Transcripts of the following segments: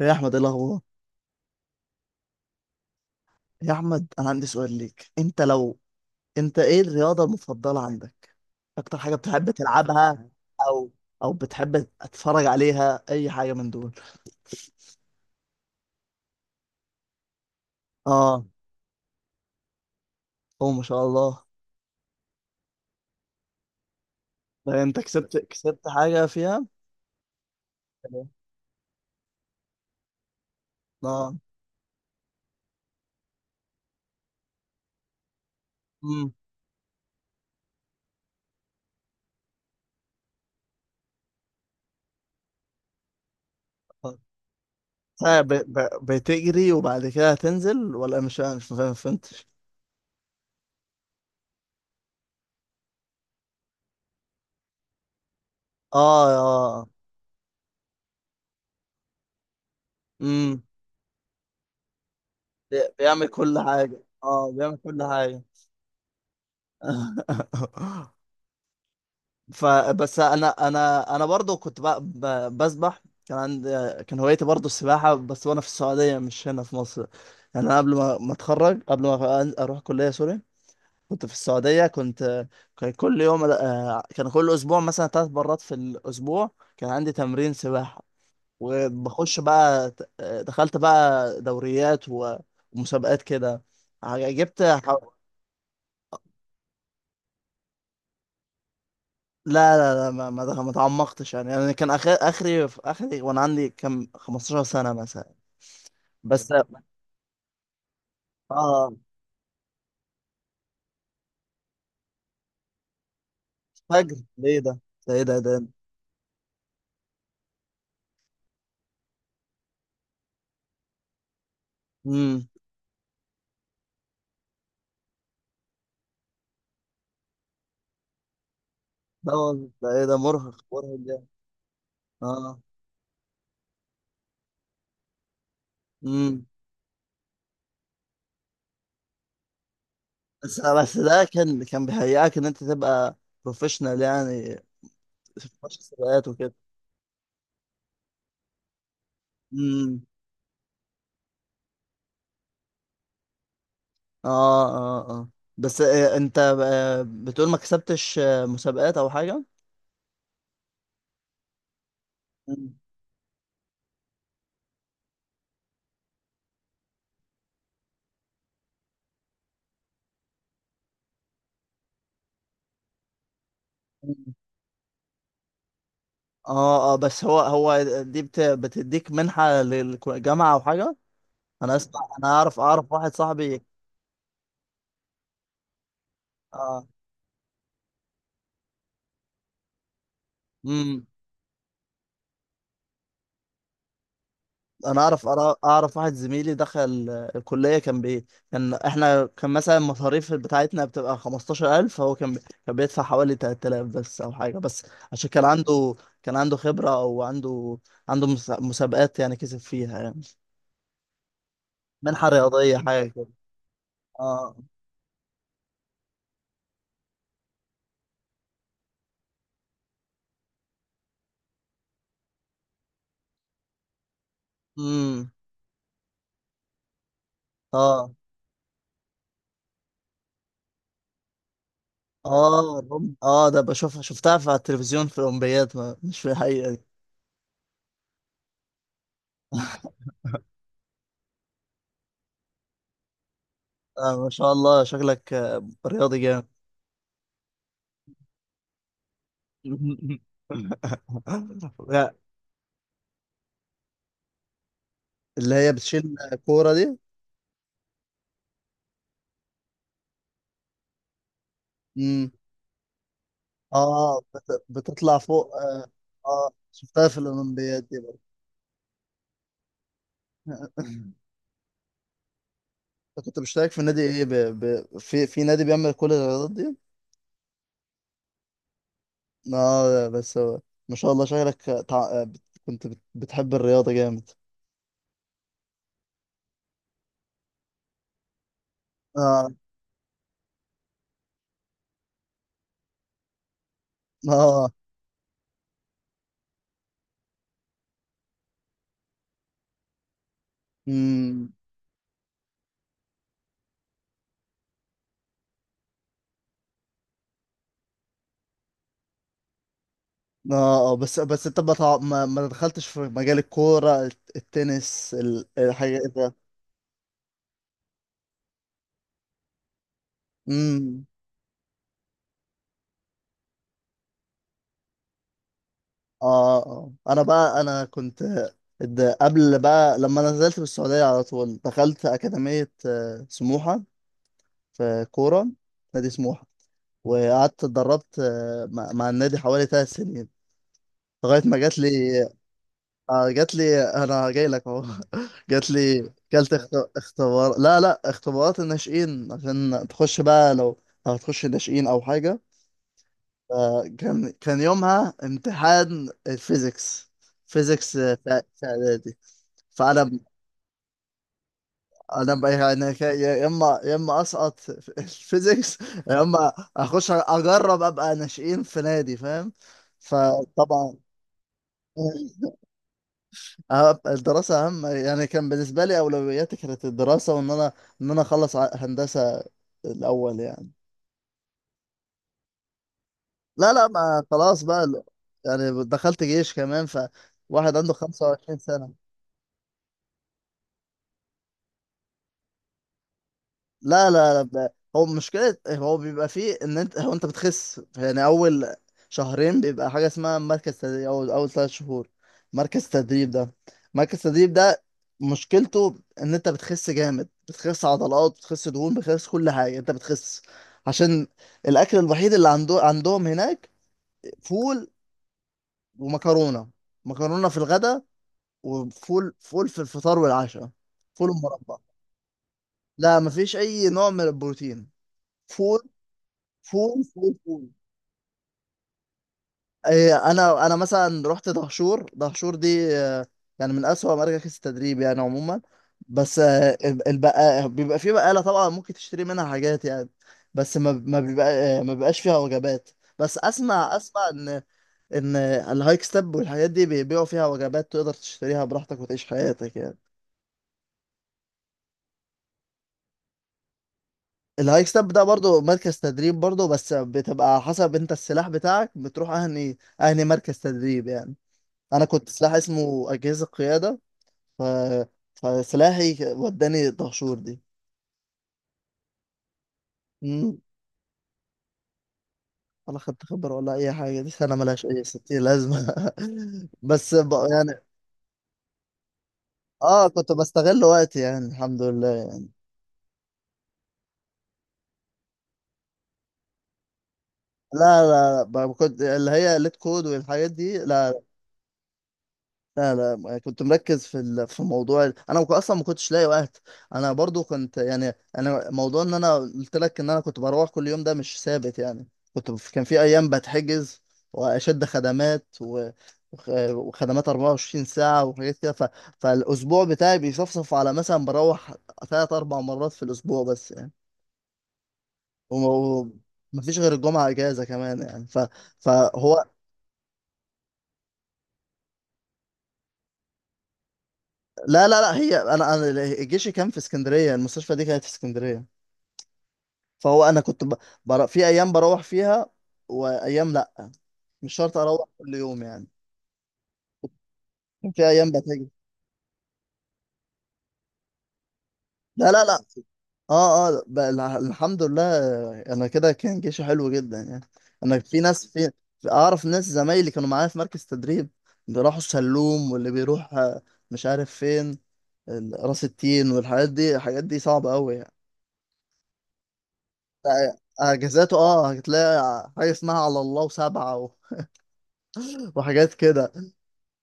يا احمد، ايه الاخبار؟ يا احمد، انا عندي سؤال ليك. انت ايه الرياضه المفضله عندك؟ اكتر حاجه بتحب تلعبها؟ او او بتحب تتفرج عليها، اي حاجه من دول؟ اه. هو ما شاء الله. ده انت كسبت حاجه فيها؟ اه. امم بتجري وبعد كده هتنزل، ولا مش؟ ما فهمتش. اه، اه. امم بيعمل كل حاجه، اه، بيعمل كل حاجه. فبس انا برضو كنت بقى بسبح، كان عندي. كان هوايتي برضو السباحه بس، وانا في السعوديه، مش هنا في مصر. يعني انا قبل ما اتخرج، قبل ما اروح كليه، سوري. كنت في السعوديه، كنت. كان كل يوم، كان كل اسبوع مثلا 3 مرات في الاسبوع. كان عندي تمرين سباحه. وبخش بقى، دخلت بقى دوريات، ومسابقات كده. جبت. لا، لا، لا، ما تعمقتش يعني. انا كان اخري في اخري، وانا عندي كم 15 سنة مثلا. بس. اه. فجر ده ايه ده؟ ده ايه ده؟ امم ده ايه ده؟ مرهق، مرهق جامد. اه. امم بس ده كان بيهيئك ان انت تبقى بروفيشنال يعني، في ماتش السباقات وكده. امم اه، اه. اه، بس انت، بتقول ما كسبتش مسابقات او حاجة؟ مم. اه، اه، بس هو دي بتديك منحة للجامعة او حاجة؟ انا اسمع، انا اعرف واحد صاحبي. اه. امم انا اعرف واحد زميلي دخل الكلية، كان بي. كان احنا، كان مثلا المصاريف بتاعتنا بتبقى 15,000، هو كان كان بيدفع حوالي 3000 بس او حاجة بس. عشان كان عنده، كان عنده خبرة او عنده، عنده مسابقات يعني، كسب فيها يعني. منحة رياضية، حاجة كده. اه. امم اه، اه. ده شفتها في، التلفزيون في الأولمبياد، ما مش في الحقيقة دي. ما شاء الله، شكلك رياضي جامد. لا. اللي هي بتشيل كورة دي؟ امم اه، بتطلع فوق اه, شفتها في الأولمبياد دي برضه. أنت كنت مشترك في نادي ايه؟ في نادي بيعمل كل الرياضات دي؟ اه، بس ما شاء الله، شكلك، كنت بتحب الرياضة جامد. اه، اه. امم اه، اه. بس انت، ما تع- ما ما دخلتش في مجال الكورة، التنس، الحاجة ده. امم اه، اه. انا بقى، انا كنت. قبل بقى لما نزلت من السعودية على طول، دخلت أكاديمية سموحة، في كورة، نادي سموحة. وقعدت اتدربت مع النادي حوالي 3 سنين، لغاية ما جات لي. اه، جات لي، انا جاي لك اهو. جات لي. كلت اخت... اختبار، لا، لا، اختبارات الناشئين، عشان تخش بقى، لو هتخش ناشئين او حاجه. كان يومها امتحان الفيزيكس. فيزيكس في اعدادي. فانا بقى يعني، يا اما اسقط في الفيزيكس، يا اما اخش اجرب ابقى ناشئين في نادي، فاهم؟ فطبعا. اه، الدراسة أهم يعني، كان بالنسبة لي أولوياتي كانت الدراسة، وإن أنا، إن أنا أخلص هندسة الأول يعني. لا، لا، ما خلاص بقى، يعني دخلت جيش كمان، فواحد عنده 25 سنة. لا، لا، لا، هو مشكلة، هو بيبقى فيه ان انت، انت بتخس يعني، اول شهرين بيبقى حاجة اسمها مركز تدريب، او اول 3 شهور. مركز تدريب ده، مركز تدريب ده مشكلته، ان انت بتخس جامد، بتخس عضلات، بتخس دهون، بتخس كل حاجة، انت بتخس عشان الاكل الوحيد اللي عندهم هناك، فول، ومكرونة، مكرونة في الغداء، وفول، فول في الفطار والعشاء. فول ومربى. لا، مفيش اي نوع من البروتين. فول، فول، فول. إيه، انا مثلا رحت دهشور، دهشور دي يعني من اسوأ مراكز التدريب يعني عموما. بس، بيبقى في بقالة طبعا، ممكن تشتري منها حاجات يعني، بس ما بيبقى، ما بيبقاش فيها وجبات. بس اسمع، اسمع، ان ان الهايك ستيب والحاجات دي بيبيعوا فيها وجبات، تقدر تشتريها براحتك وتعيش حياتك يعني. الهايك ستيب ده برضو مركز تدريب برضو، بس بتبقى على حسب انت السلاح بتاعك، بتروح اهني، اهني مركز تدريب يعني. انا كنت سلاح اسمه اجهزه قياده. ف... فسلاحي وداني دهشور دي. مم. ولا خدت خبره ولا اي حاجه، دي سنه ملهاش اي ستين لازمه. بس، يعني، اه، كنت بستغل وقتي يعني، الحمد لله يعني. لا، لا، لا. كنت اللي هي ليت كود والحاجات دي، لا. لا، لا، ما كنت مركز في، في موضوع انا، اصلا ما كنتش لاقي وقت. انا برضو كنت يعني، انا موضوع ان انا قلت لك ان انا كنت بروح كل يوم، ده مش ثابت يعني. كان في ايام بتحجز، واشد خدمات، وخدمات 24 ساعة وحاجات كده، فالاسبوع بتاعي بيصفصف على، مثلا بروح 3-4 مرات في الاسبوع بس يعني. وما مفيش غير الجمعة اجازة كمان يعني، فهو. لا، لا، لا، هي انا جيشي كان في اسكندرية، المستشفى دي كانت في اسكندرية. فهو انا كنت في ايام بروح فيها، وايام لا، مش شرط اروح كل يوم يعني. كان في ايام بتجي. لا، لا، لا، اه، اه، الحمد لله، انا كده كان جيشي حلو جدا يعني. انا في ناس، اعرف ناس زمايلي كانوا معايا في مركز تدريب، بيروحوا السلوم، واللي بيروح مش عارف فين، راس التين والحاجات دي، الحاجات دي صعبة قوي يعني. اجازاته، هتلاقي حاجة اسمها على الله وسبعة، وحاجات كده،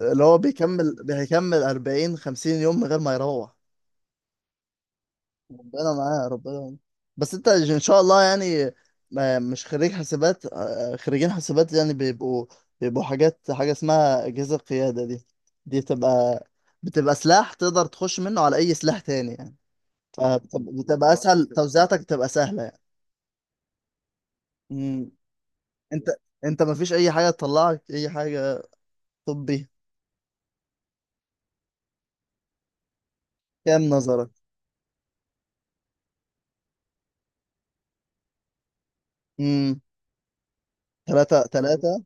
اللي هو بيكمل 40-50 يوم من غير ما يروح. ربنا معاه، ربنا معاه. بس انت ان شاء الله يعني، مش خريج حسابات، خريجين حسابات يعني بيبقوا، بيبقوا حاجات، حاجة اسمها أجهزة قيادة دي، دي بتبقى، بتبقى سلاح تقدر تخش منه على أي سلاح تاني يعني، فبتبقى صح، أسهل، كده توزيعاتك بتبقى سهلة يعني. مم. انت انت مفيش أي حاجة تطلعك، أي حاجة طبي؟ كام نظرك؟ امم تلاتة تلاتة.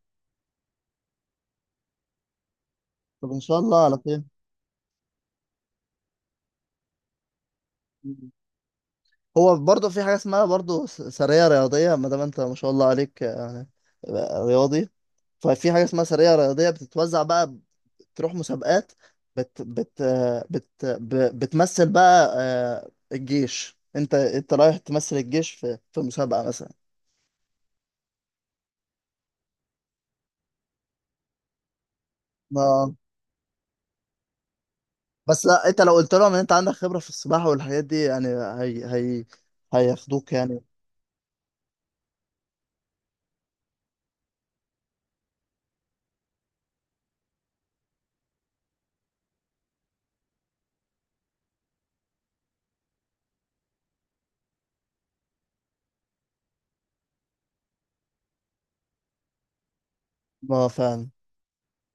طب إن شاء الله على خير. هو برضه في حاجة اسمها برضه، سرية رياضية، ما دام انت ما شاء الله عليك يعني، رياضي، ففي حاجة اسمها سرية رياضية بتتوزع بقى، تروح مسابقات، بت بت بتمثل بقى الجيش، انت رايح تمثل الجيش في مسابقة مثلا. ما بس لا، انت لو قلت لهم ان انت عندك خبرة في السباحة والحاجات دي يعني، هي هياخدوك يعني. ما فعلا.